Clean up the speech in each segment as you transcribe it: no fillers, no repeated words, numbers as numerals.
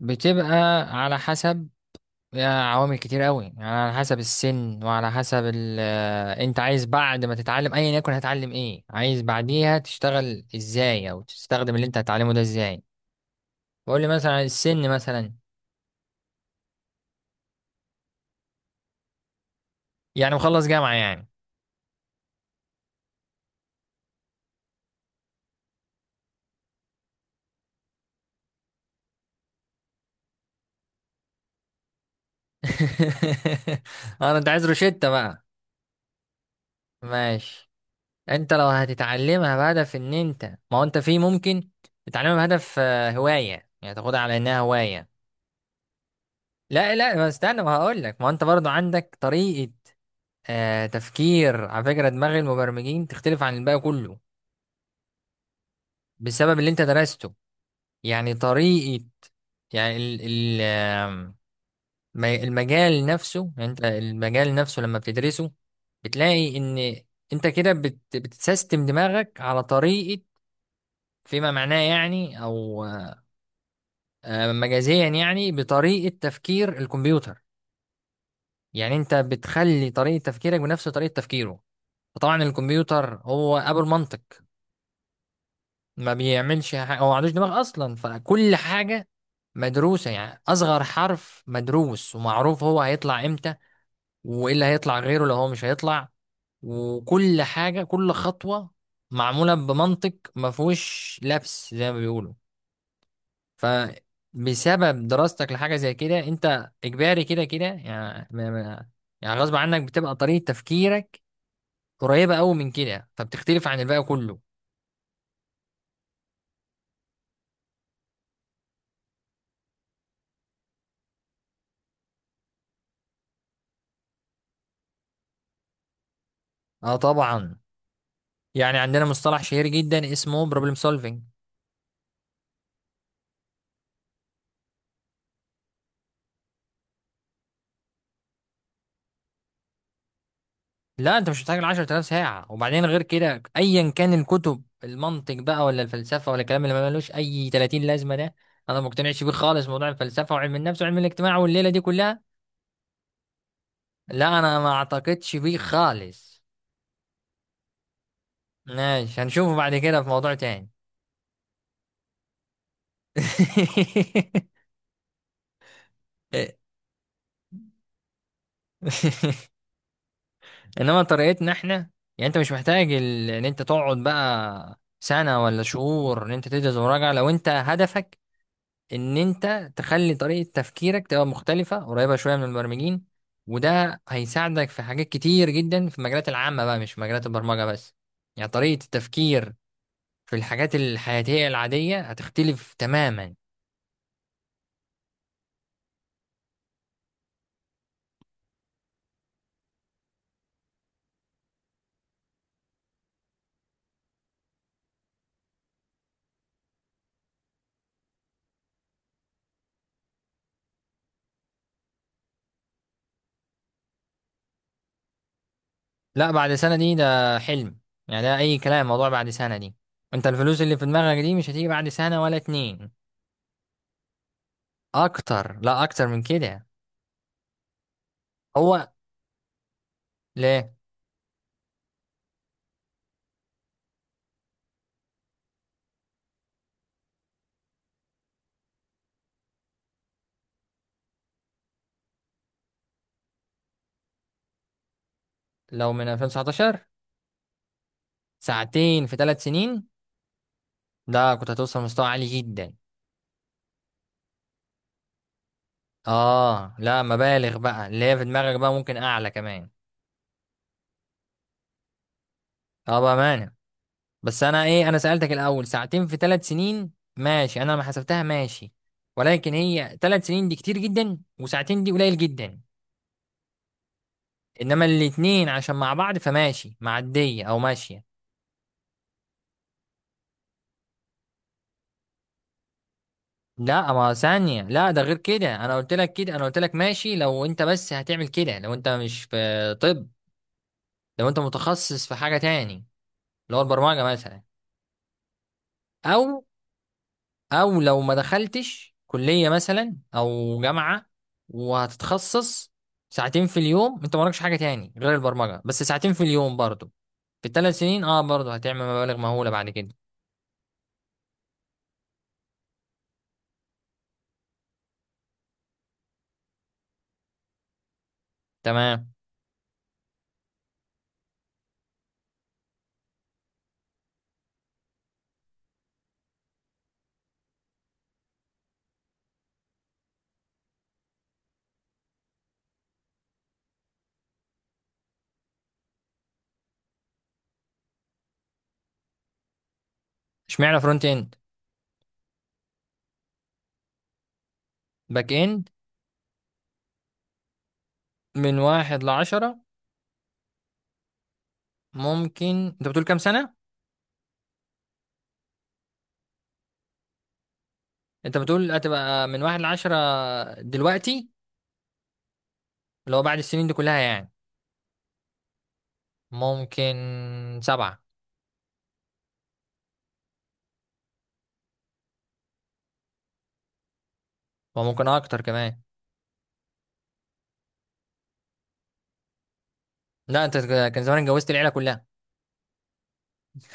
بتبقى على حسب، عوامل كتير قوي يعني، على حسب السن وعلى حسب ال... آه، انت عايز بعد ما تتعلم ايا يكن هتعلم ايه، عايز بعديها تشتغل ازاي او تستخدم اللي انت هتتعلمه ده ازاي. بقول لي مثلا على السن مثلا. يعني مخلص جامعة يعني. انت عايز روشتة بقى. ماشي، انت لو هتتعلمها بهدف ان انت، ما هو انت في ممكن تتعلمها بهدف هواية يعني، تاخدها على انها هواية. لا لا، ما استنى، ما هقول لك. ما هو انت برضو عندك طريقة تفكير. على فكرة دماغ المبرمجين تختلف عن الباقي كله بسبب اللي انت درسته. يعني طريقة، يعني المجال نفسه، يعني انت المجال نفسه لما بتدرسه بتلاقي ان انت كده بتسيستم دماغك على طريقة، فيما معناه يعني، او مجازيا يعني، بطريقة تفكير الكمبيوتر. يعني انت بتخلي طريقة تفكيرك بنفس طريقة تفكيره. فطبعا الكمبيوتر هو ابو المنطق، ما بيعملش حاجة، هو ما عندوش دماغ أصلا، فكل حاجة مدروسة. يعني أصغر حرف مدروس ومعروف هو هيطلع إمتى، وإيه اللي هيطلع غيره لو هو مش هيطلع. وكل حاجة، كل خطوة معمولة بمنطق ما فيهوش لبس زي ما بيقولوا. فبسبب دراستك لحاجة زي كده، أنت إجباري كده كده يعني يعني غصب عنك بتبقى طريقة تفكيرك قريبة أوي من كده، فبتختلف عن الباقي كله. اه طبعا، يعني عندنا مصطلح شهير جدا اسمه بروبلم سولفينج. لا انت مش محتاج ل 10000 ساعه، وبعدين غير كده، ايا كان الكتب المنطق بقى ولا الفلسفه ولا الكلام اللي ما ملوش اي 30 لازمه ده، انا ما مقتنعش بيه خالص. موضوع الفلسفه وعلم النفس وعلم الاجتماع والليله دي كلها لا، انا ما اعتقدش بيه خالص. ماشي، هنشوفه بعد كده في موضوع تاني. انما طريقتنا احنا، يعني انت مش محتاج ان انت تقعد بقى سنة ولا شهور ان انت تدرس مراجعة، لو انت هدفك ان انت تخلي طريقة تفكيرك تبقى مختلفة قريبة شوية من المبرمجين. وده هيساعدك في حاجات كتير جدا في المجالات العامة بقى، مش في مجالات البرمجة بس. يعني طريقة التفكير في الحاجات الحياتية العادية هتختلف تماما. لا، بعد سنة دي ده حلم، يعني ده اي كلام موضوع بعد سنة دي. انت الفلوس اللي في دماغك دي مش هتيجي بعد سنة ولا اتنين. اكتر، لا اكتر من كده. هو ليه؟ لو من 2019، ساعتين في 3 سنين، ده كنت هتوصل مستوى عالي جدا. اه لا، مبالغ بقى اللي هي في دماغك بقى، ممكن اعلى كمان. اه، بامانه. بس انا ايه، انا سالتك الاول ساعتين في ثلاث سنين، ماشي، انا لما حسبتها ماشي، ولكن هي ثلاث سنين دي كتير جدا، وساعتين دي قليل جدا. انما الاتنين عشان مع بعض فماشي، معديه او ماشيه. لا ما ثانيه، لا ده غير كده، انا قلت لك كده، انا قلت لك ماشي لو انت بس هتعمل كده، لو انت مش في طب، لو انت متخصص في حاجه تاني، اللي هو البرمجه مثلا، او او لو ما دخلتش كلية مثلا او جامعة وهتتخصص، ساعتين في اليوم، انت مالكش حاجة تاني غير البرمجة، بس ساعتين في اليوم برضو، في الثلاث سنين، اه برضو هتعمل مبالغ مهولة بعد كده. تمام، اشمعنى فرونت اند؟ باك اند، من 1 ل 10؟ ممكن. انت بتقول كام سنة؟ انت بتقول هتبقى من واحد لعشرة دلوقتي، اللي هو بعد السنين دي كلها يعني؟ ممكن سبعة، وممكن اكتر كمان. لا انت، كان زمان اتجوزت العيلة كلها.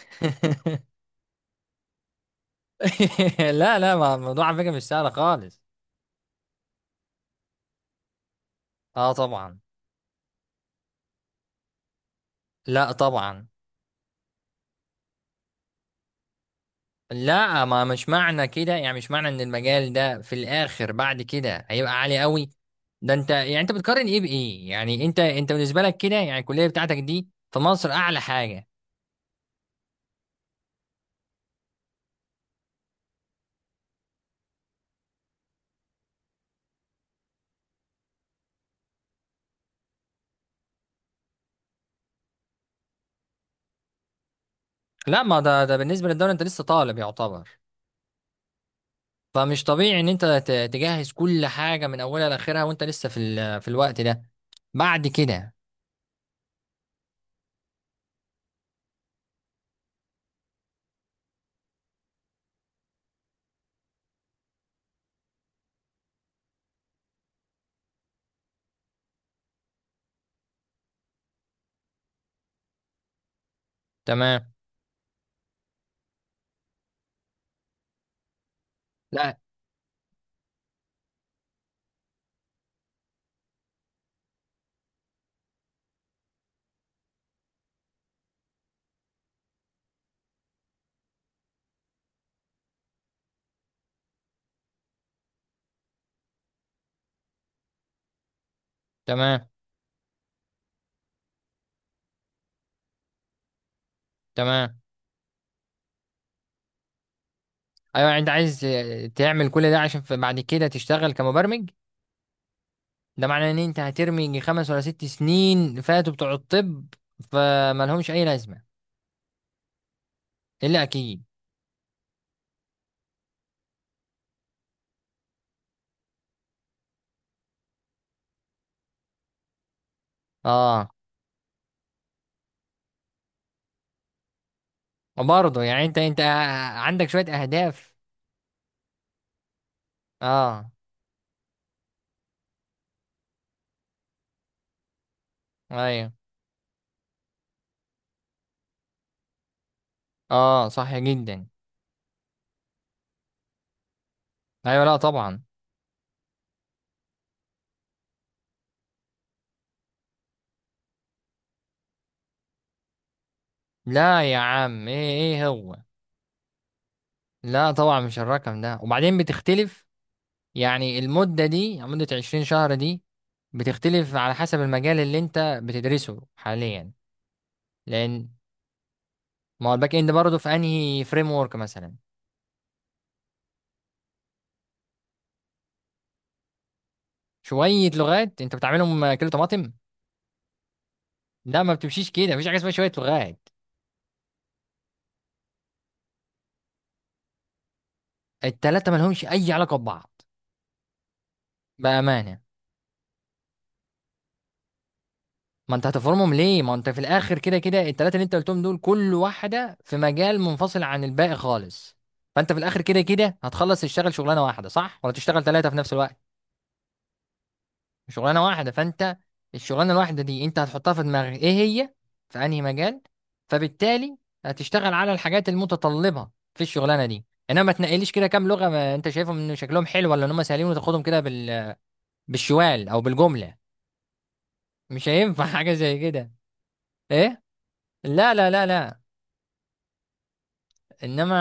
لا لا، ما الموضوع على فكرة مش سهل خالص. اه طبعا. لا طبعا، لا ما مش معنى كده، يعني مش معنى ان المجال ده في الاخر بعد كده هيبقى عالي قوي. ده انت يعني، انت بتقارن ايه بايه؟ يعني انت بالنسبة لك كده، يعني الكلية بتاعتك دي في مصر اعلى حاجة. لا ما ده بالنسبة للدولة، انت لسه طالب يعتبر، فمش طبيعي ان انت تجهز كل حاجة من اولها لاخرها وانت لسه في الوقت ده بعد كده. تمام، لا تمام تمام. ايوه انت عايز تعمل كل ده عشان بعد كده تشتغل كمبرمج؟ ده معناه ان انت هترمي يجي خمس ولا ست سنين فاتوا بتوع الطب فمالهمش اي لازمه. الا اكيد. اه. برضه يعني انت عندك شويه اهداف. اه. ايوه. اه صح جدا. ايوه، لا طبعا. لا يا عم، ايه هو؟ لا طبعا مش الرقم ده، وبعدين بتختلف. يعني المده دي، مده 20 شهر دي، بتختلف على حسب المجال اللي انت بتدرسه حاليا، لان، ما هو الباك اند برضه في انهي فريم ورك مثلا؟ شويه لغات انت بتعملهم كيلو طماطم؟ لا ما بتمشيش كده، مفيش حاجه اسمها شويه لغات. التلاته مالهمش اي علاقه ببعض بامانه. ما انت هتفرمهم ليه، ما انت في الاخر كده كده التلاته اللي انت قلتهم دول كل واحده في مجال منفصل عن الباقي خالص. فانت في الاخر كده كده هتخلص تشتغل شغلانه واحده، صح ولا تشتغل ثلاثه في نفس الوقت؟ شغلانه واحده. فانت الشغلانه الواحده دي انت هتحطها في دماغك ايه هي، في انهي مجال، فبالتالي هتشتغل على الحاجات المتطلبه في الشغلانه دي. انما ما تنقليش كده كام لغه ما انت شايفهم ان شكلهم حلو ولا ان هم سهلين وتاخدهم كده بالشوال او بالجمله. مش هينفع حاجه زي كده. ايه؟ لا لا لا لا. انما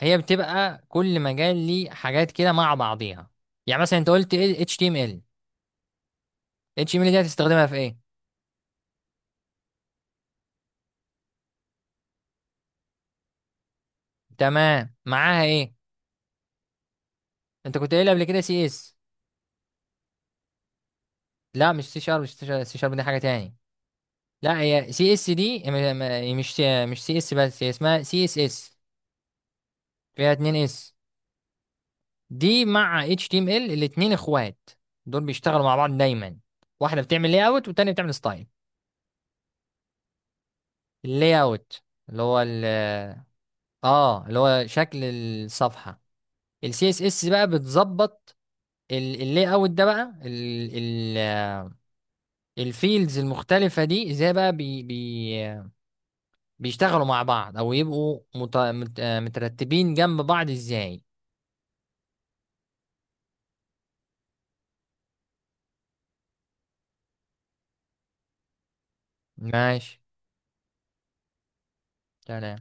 هي بتبقى كل مجال ليه حاجات كده مع بعضيها. يعني مثلا، انت قلت ايه؟ اتش تي ام ال. اتش تي ام ال دي هتستخدمها في ايه؟ تمام، معاها ايه؟ انت كنت قايل قبل كده سي اس. لا، مش سي شارب، مش سي شارب دي حاجه تاني. لا هي سي اس دي مش سي اس، بس هي اسمها سي اس اس، فيها اتنين اس. دي مع اتش تي ام ال الاتنين اخوات، دول بيشتغلوا مع بعض دايما. واحده بتعمل لاي اوت والتانيه بتعمل ستايل. اللاي اوت اللي هو ال اه اللي هو شكل الصفحه. السي اس اس بقى بتظبط اللاي اوت ده بقى ال ال الفيلدز المختلفه دي ازاي بقى بي بي بيشتغلوا مع بعض او يبقوا مت... مت... آه، مترتبين جنب بعض ازاي. ماشي، سلام.